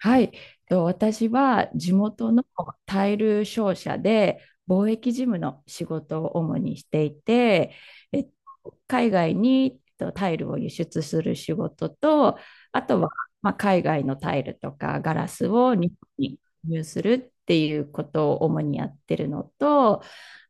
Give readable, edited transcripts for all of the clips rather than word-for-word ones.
はい、と私は地元のタイル商社で貿易事務の仕事を主にしていて、えっ海外にタイルを輸出する仕事と、あとは、まあ、海外のタイルとかガラスを日本に輸入するっていうことを主にやってるのと、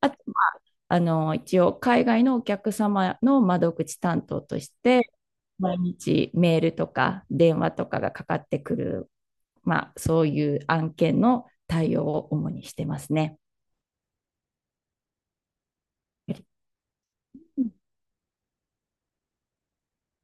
あと、まあ一応海外のお客様の窓口担当として、毎日メールとか電話とかがかかってくる、まあ、そういう案件の対応を主にしてますね。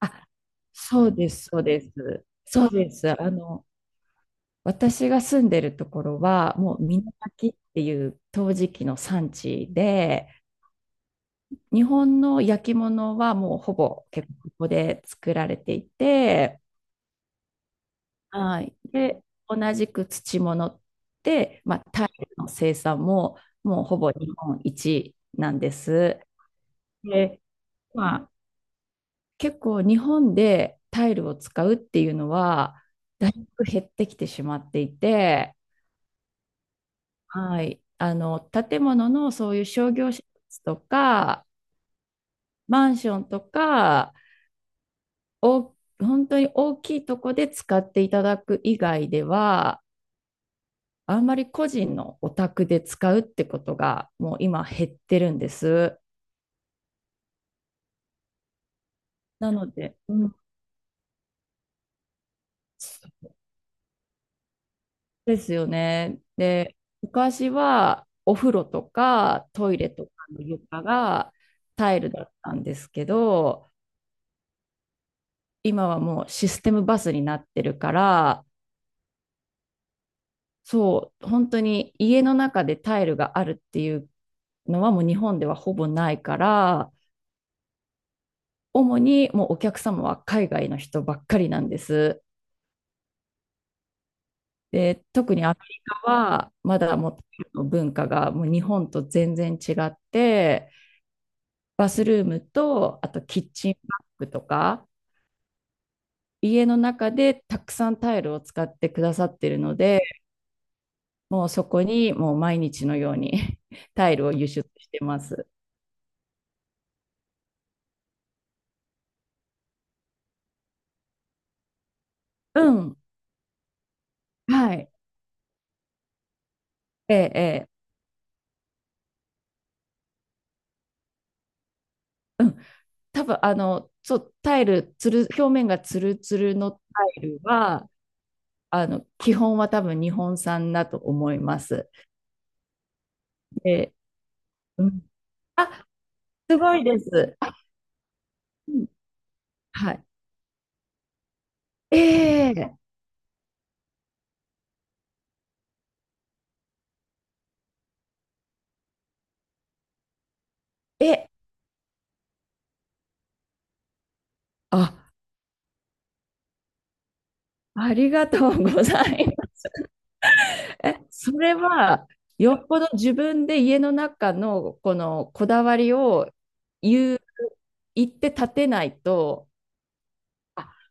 あ、そうです、そうです。そうです。私が住んでるところは、もう美濃焼っていう陶磁器の産地で、日本の焼き物はもうほぼ結構ここで作られていて、はい。で、同じく土物で、まあ、タイルの生産ももうほぼ日本一なんです。で、まあ結構日本でタイルを使うっていうのは、だいぶ減ってきてしまっていて、はい。建物のそういう商業施設とか、マンションとか、本当に大きいとこで使っていただく以外では、あんまり個人のお宅で使うってことが、もう今減ってるんです。なので、うん、ですよね。で、昔はお風呂とかトイレとかの床がタイルだったんですけど、今はもうシステムバスになってるから、そう、本当に家の中でタイルがあるっていうのはもう日本ではほぼないから、主にもうお客様は海外の人ばっかりなんです。で、特にアメリカはまだもうタイルの文化がもう日本と全然違って、バスルームと、あとキッチンバッグとか、家の中でたくさんタイルを使ってくださってるので、もうそこにもう毎日のように タイルを輸出してます。うん。はい。ええ、ええ。うん。多分、そう、タイル、つる、表面がツルツルのタイルは、基本は多分日本産だと思います。で、うん。あ、すごいです。あ、うん、はい。えええ、あ、ありがとうございます。え、それは、よっぽど自分で家の中のこだわりを言う、言って立てないと、あ、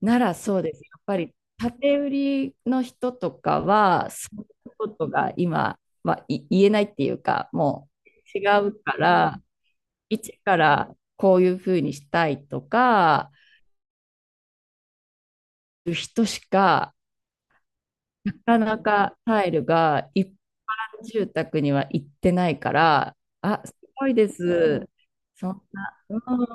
ならそうです。やっぱり、建て売りの人とかは、そういうことが今、はい、言えないっていうか、もう違うから、一からこういうふうにしたいとか、いう人しかなかなかタイルが一般住宅には行ってないから、あ、すごいです。そんな、うん、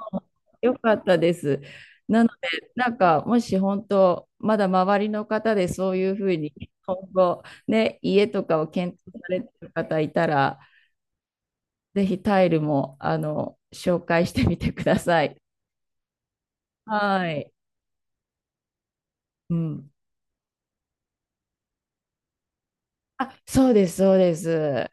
よかったです。なので、なんか、もし本当、まだ周りの方でそういうふうに、今後、ね、家とかを検討されてる方いたら、ぜひタイルも、紹介してみてください。はい。うん。あ、そうです、そうです。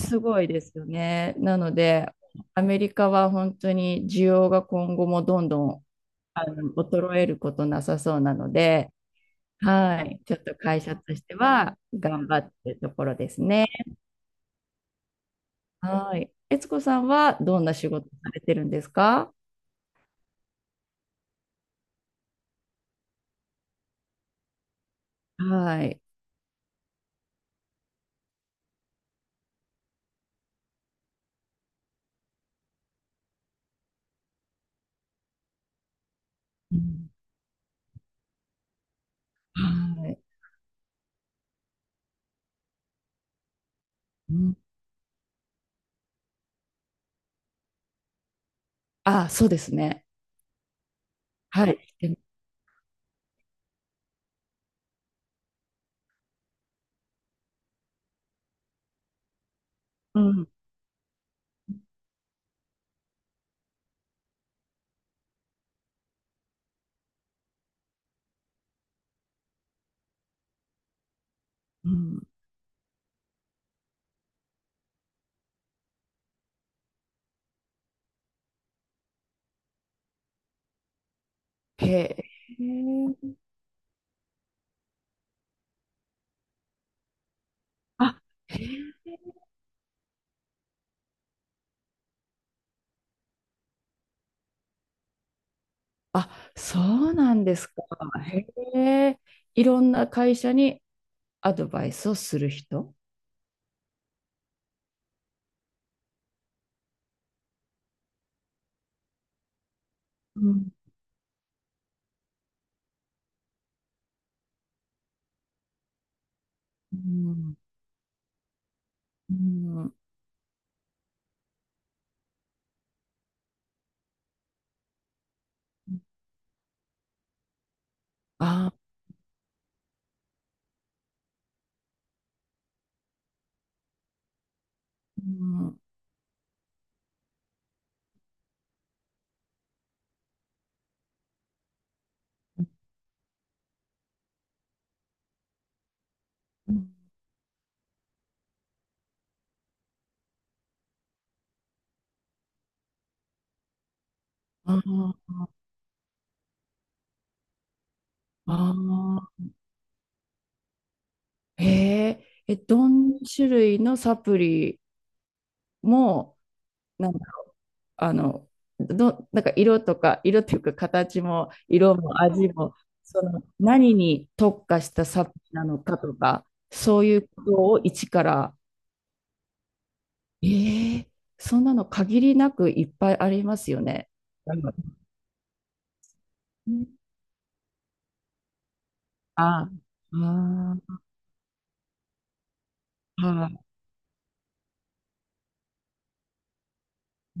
すごいですよね。なので、アメリカは本当に需要が今後もどんどん衰えることなさそうなので、はい、ちょっと会社としては頑張ってるところですね。はい。悦子さんはどんな仕事されてるんですか？はい。うん、はい。うん、あ、そうですね。はい。うん。うん。へえ。あ、へえ。あ、そうなんですか。へえ。いろんな会社にアドバイスをする人。うん、うん、うん。あ、うん。あー、あー、へえ。え、どんな種類のサプリも、なんか、あの、なんか色とか、色っていうか形も、色も味も、その何に特化したサプリなのかとか、そういうことを一から、ええ、そんなの限りなくいっぱいありますよね。なるほどね。ああ、ああ、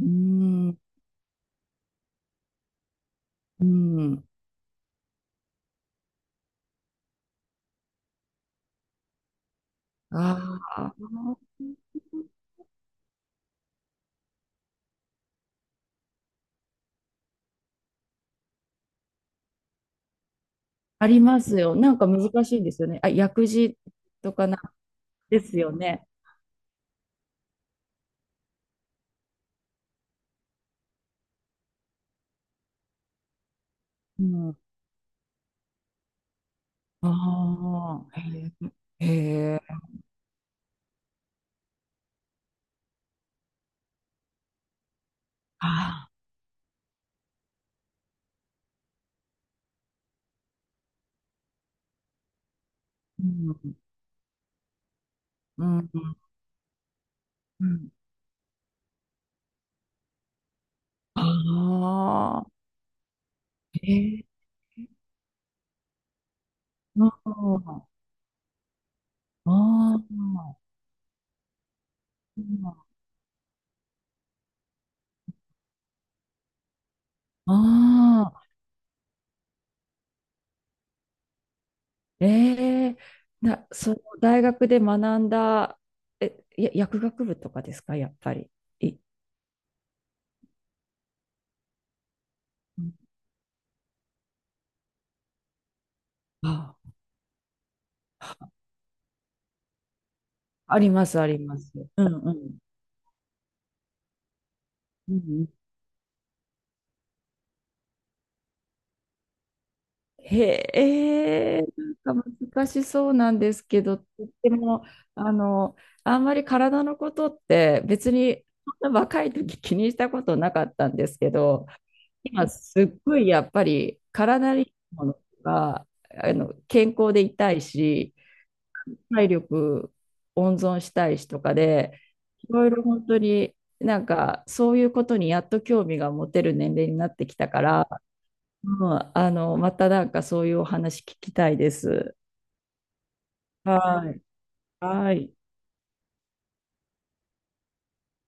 うん、うん、ああ、ありますよ。なんか難しいんですよね。あ、薬事とかなんですよね。うん、ああ、へえ、へえ、ああ、うん、うん、うん、ああ、へえ、ああ、ああ、ああ、ええ、な、その大学で学んだ、え、や、薬学部とかですか、やっぱり。い、うん、あ、あります、あります。うんうん。うんうん、へえ、なんか難しそうなんですけど、でも、あの、あんまり体のことって別にそんな若い時気にしたことなかったんですけど、今すっごいやっぱり体にいいものが、健康でいたいし、体力温存したいしとかで、いろいろ本当になんかそういうことにやっと興味が持てる年齢になってきたから、うん、またなんかそういうお話聞きたいです。はい。はい。